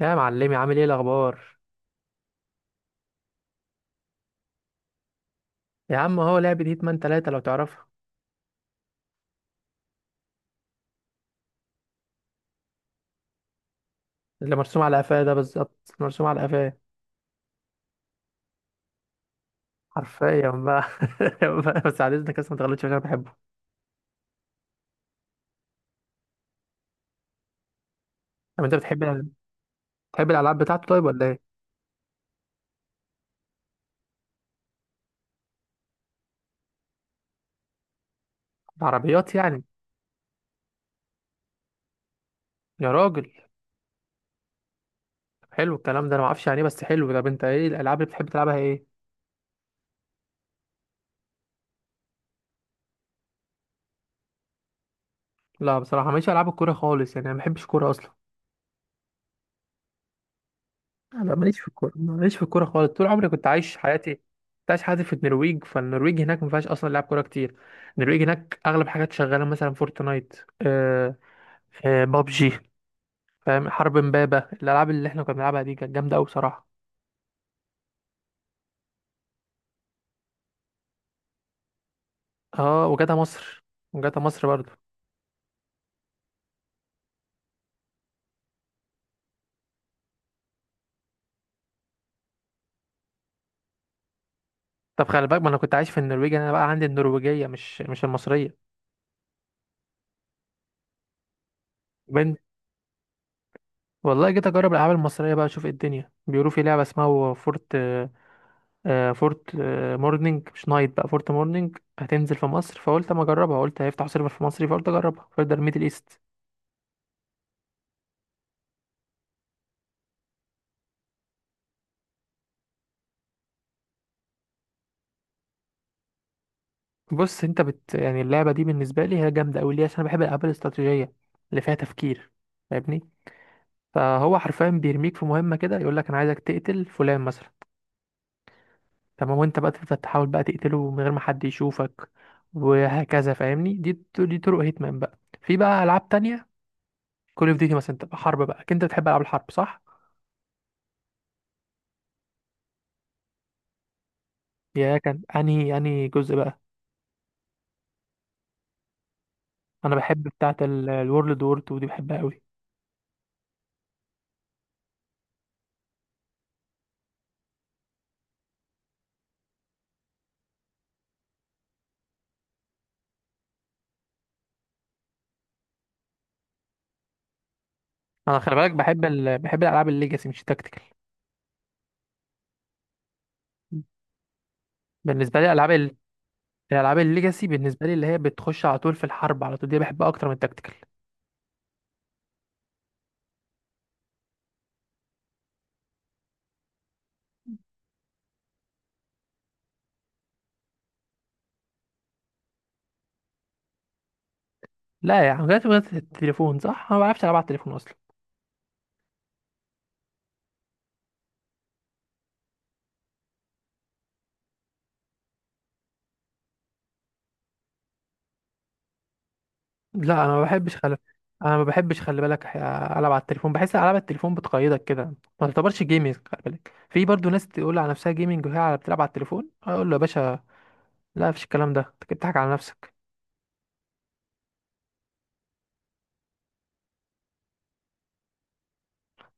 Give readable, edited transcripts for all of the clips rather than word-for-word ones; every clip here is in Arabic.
يا معلمي، عامل ايه الاخبار؟ يا عم هو لعبة هيتمان تلاتة لو تعرفها. اللي مرسوم على قفاه ده، بالظبط مرسوم على قفاه حرفيا بقى. بس على اذنك، بس ما تغلطش عشان انا بحبه. طب انت بتحب، بتحب الالعاب بتاعته طيب ولا ايه؟ العربيات يعني. يا راجل، طب حلو الكلام ده، انا ما اعرفش يعني ايه بس حلو. طب انت ايه الالعاب اللي بتحب تلعبها ايه؟ لا بصراحة ماليش العاب الكورة خالص، يعني انا ما بحبش كورة اصلا. انا ماليش في الكوره، ماليش في الكوره خالص. طول عمري كنت عايش حياتي، كنت عايش حياتي في النرويج. فالنرويج هناك ما فيهاش اصلا لعب كوره كتير. النرويج هناك اغلب حاجات شغاله مثلا فورتنايت. آه، آه بابجي فاهم، حرب امبابه. الالعاب اللي احنا كنا بنلعبها دي كانت جامده قوي بصراحه. اه وجاتا مصر، وجاتا مصر برضو. طب خلي بالك، ما انا كنت عايش في النرويج، انا بقى عندي النرويجيه مش المصريه. بنت. والله جيت اجرب الالعاب المصريه بقى اشوف ايه الدنيا. بيقولوا في لعبه اسمها فورت، فورت مورنينج مش نايت بقى. فورت مورنينج هتنزل في مصر، فقلت اما اجربها. قلت هيفتحوا سيرفر في مصر، فقلت اجربها. فيرجر ميدل ايست. بص انت بت يعني، اللعبه دي بالنسبه لي هي جامده قوي. ليه؟ عشان انا بحب الالعاب الاستراتيجيه اللي فيها تفكير. فاهمني؟ فهو حرفيا بيرميك في مهمه كده، يقول لك انا عايزك تقتل فلان مثلا. تمام، وانت بقى تفضل تحاول بقى تقتله من غير ما حد يشوفك. وهكذا، فاهمني؟ دي طرق هيتمان بقى. في بقى العاب تانية، كول اوف ديوتي مثلا تبقى حرب بقى. انت بتحب العاب الحرب صح؟ يا كان انهي جزء بقى؟ انا بحب بتاعه الورلد وور 2 دي، بحبها قوي. انا خلي بالك بحب ال... بحب الالعاب الليجاسي، مش التكتيكال. بالنسبه لي العاب ال... الالعاب الليجاسي بالنسبه لي، اللي هي بتخش على طول في الحرب على طول، دي بحبها اكتر من التكتيكال. لا يا عم، جات التليفون صح. انا ما بعرفش العب على التليفون اصلا. لا انا ما بحبش خلي، انا ما بحبش خلي بالك. العب على التليفون، بحس العاب التليفون بتقيدك كده، ما تعتبرش جيمنج. خلي بالك في برضو ناس تقول على نفسها جيمنج وهي بتلعب على التليفون، اقول له يا باشا، لا مفيش الكلام ده، انت كده بتضحك على نفسك.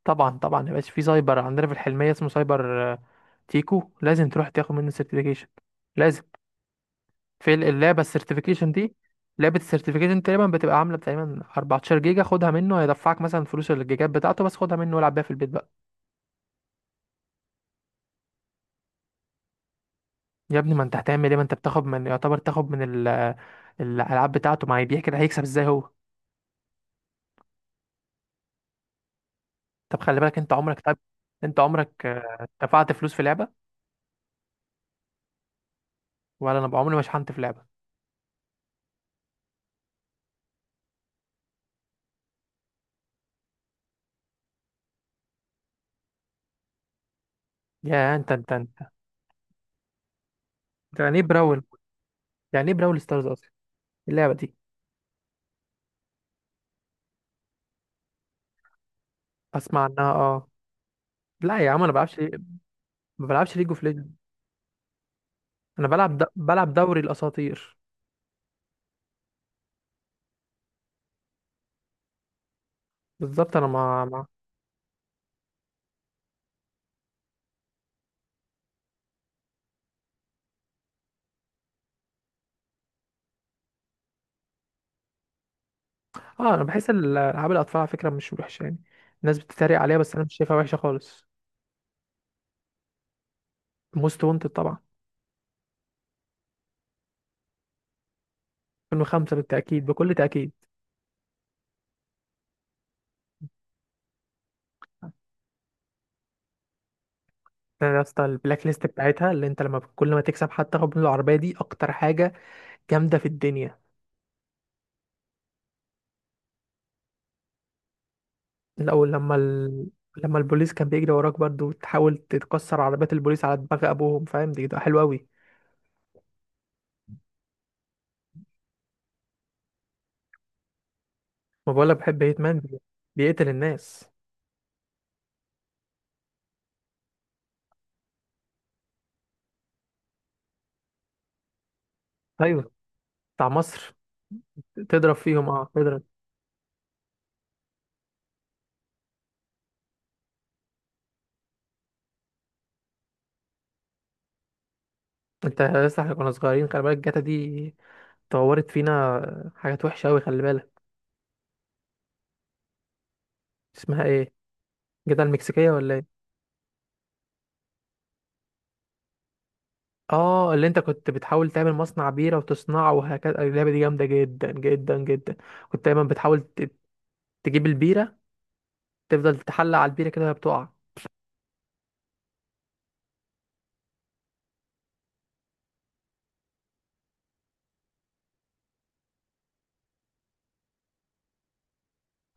طبعا طبعا يا باشا، في سايبر عندنا في الحلمية اسمه سايبر تيكو، لازم تروح تاخد منه سيرتيفيكيشن، لازم. في اللعبة السيرتيفيكيشن دي، لعبة السيرتيفيكيشن تقريبا بتبقى عاملة تقريبا 14 جيجا. خدها منه، هيدفعك مثلا فلوس الجيجات بتاعته، بس خدها منه والعب بيها في البيت بقى. يا ابني ما انت هتعمل ايه؟ ما انت بتاخد من، يعتبر تاخد من ال... الألعاب بتاعته. ما هي بيحكي ده، هيكسب ازاي هو؟ طب خلي بالك، انت عمرك طب، انت عمرك دفعت فلوس في لعبة؟ ولا انا عمري ما شحنت في لعبة. يا انت انت انت، أنت يعني ايه براول؟ يعني ايه براول ستارز اصلا اللعبة دي؟ اسمع عنها، اه. لا يا عم انا بلعبش، ما بلعبش ليج اوف ليجند. انا بلعب د... بلعب دوري الاساطير. بالظبط. انا مع. اه انا بحس العاب الاطفال على فكره مش وحشه يعني. الناس بتتريق عليها، بس انا مش شايفها وحشه خالص. موست وانتد طبعا. 2005 بالتاكيد، بكل تاكيد. انا يا اسطى، البلاك ليست بتاعتها، اللي انت لما كل ما تكسب حتى تاخد من العربيه دي، اكتر حاجه جامده في الدنيا. الاول لما ال... لما البوليس كان بيجري وراك برضه، وتحاول تكسر عربيات البوليس على دماغ ابوهم فاهم، دي ده حلو قوي. ما بقولك بحب هيت مان؟ بيقتل الناس. ايوه، بتاع مصر. تضرب فيهم اه، تضرب. انت لسه، احنا كنا صغيرين، خلي بالك جاتا دي طورت فينا حاجات وحشه قوي، خلي بالك. اسمها ايه؟ جاتا المكسيكيه ولا ايه؟ اه، اللي انت كنت بتحاول تعمل مصنع بيره وتصنعه وهكذا. اللعبه دي جامده جدا جدا جدا. كنت دايما بتحاول تجيب البيره، تفضل تحلق على البيره كده وهي بتقع.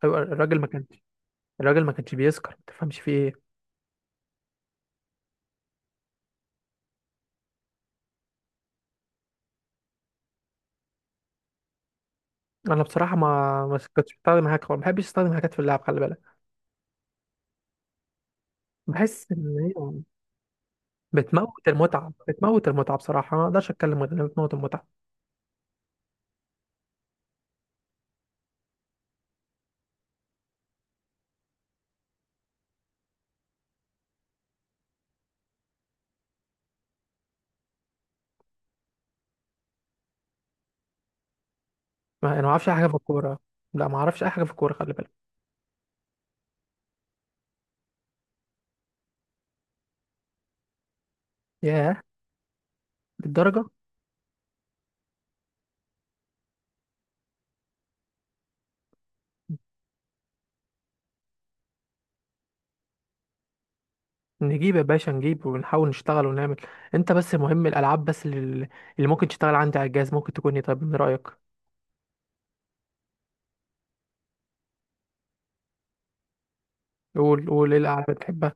ايوه، الراجل ما كانش، الراجل ما كانش بيسكر. ما تفهمش فيه ايه. انا بصراحه ما كنتش بستخدم هاك، ما بحبش استخدم هاكات في اللعب، خلي بالك. بحس ان هي بتموت المتعه، بتموت المتعه. بصراحه ما اقدرش اتكلم غير انها بتموت المتعه. ما انا ما اعرفش اي حاجه في الكوره. لا ما اعرفش اي حاجه في الكوره، خلي بالك. ياه، للدرجه؟ نجيب يا باشا، نجيب ونحاول نشتغل ونعمل. انت بس مهم الالعاب بس اللي، اللي ممكن تشتغل عندي على الجهاز ممكن تكون ايه طيب من رايك؟ قول قول ايه الالعاب اللي بتحبها.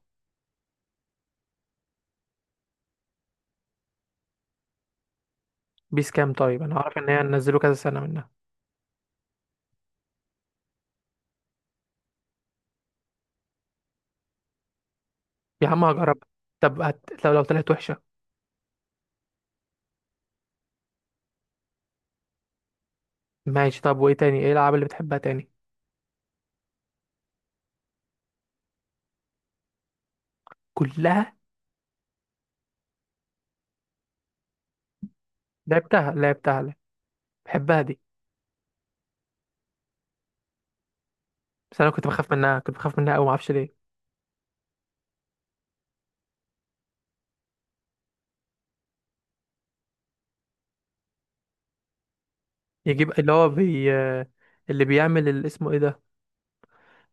بيس كام طيب؟ انا عارف ان هي نزلوا كذا سنه منها. يا عم هجرب. طب هت... لو طلعت وحشه. ماشي طب، وايه تاني ايه الالعاب اللي بتحبها تاني؟ كلها. لعبتها لعبتها، بحبها دي. بس انا كنت بخاف منها، كنت بخاف منها قوي ما اعرفش ليه. يجيب اللي هو بي، اللي بيعمل اسمه ايه ده؟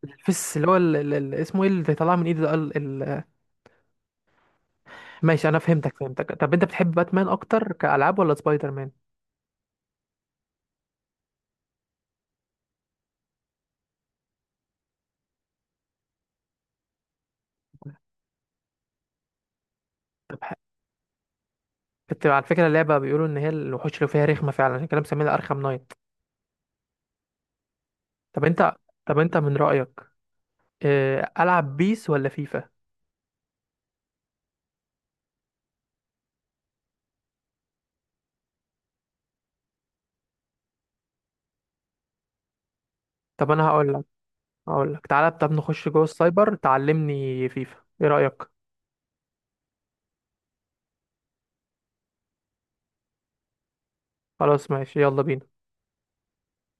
الفس، اللي هو اسمه ايه اللي بيطلع من ايده ده؟ ال... ال... ماشي، انا فهمتك فهمتك. طب انت بتحب باتمان اكتر كالعاب ولا سبايدر مان؟ طب ح- كنت على فكره اللعبه بيقولوا ان هي الوحوش اللي فيها رخمه فعلا عشان كده مسمينها ارخم نايت. طب انت، من رايك، العب بيس ولا فيفا؟ طب انا هقول لك، تعالى طب نخش جوه السايبر تعلمني فيفا ايه رايك؟ خلاص ماشي، يلا بينا.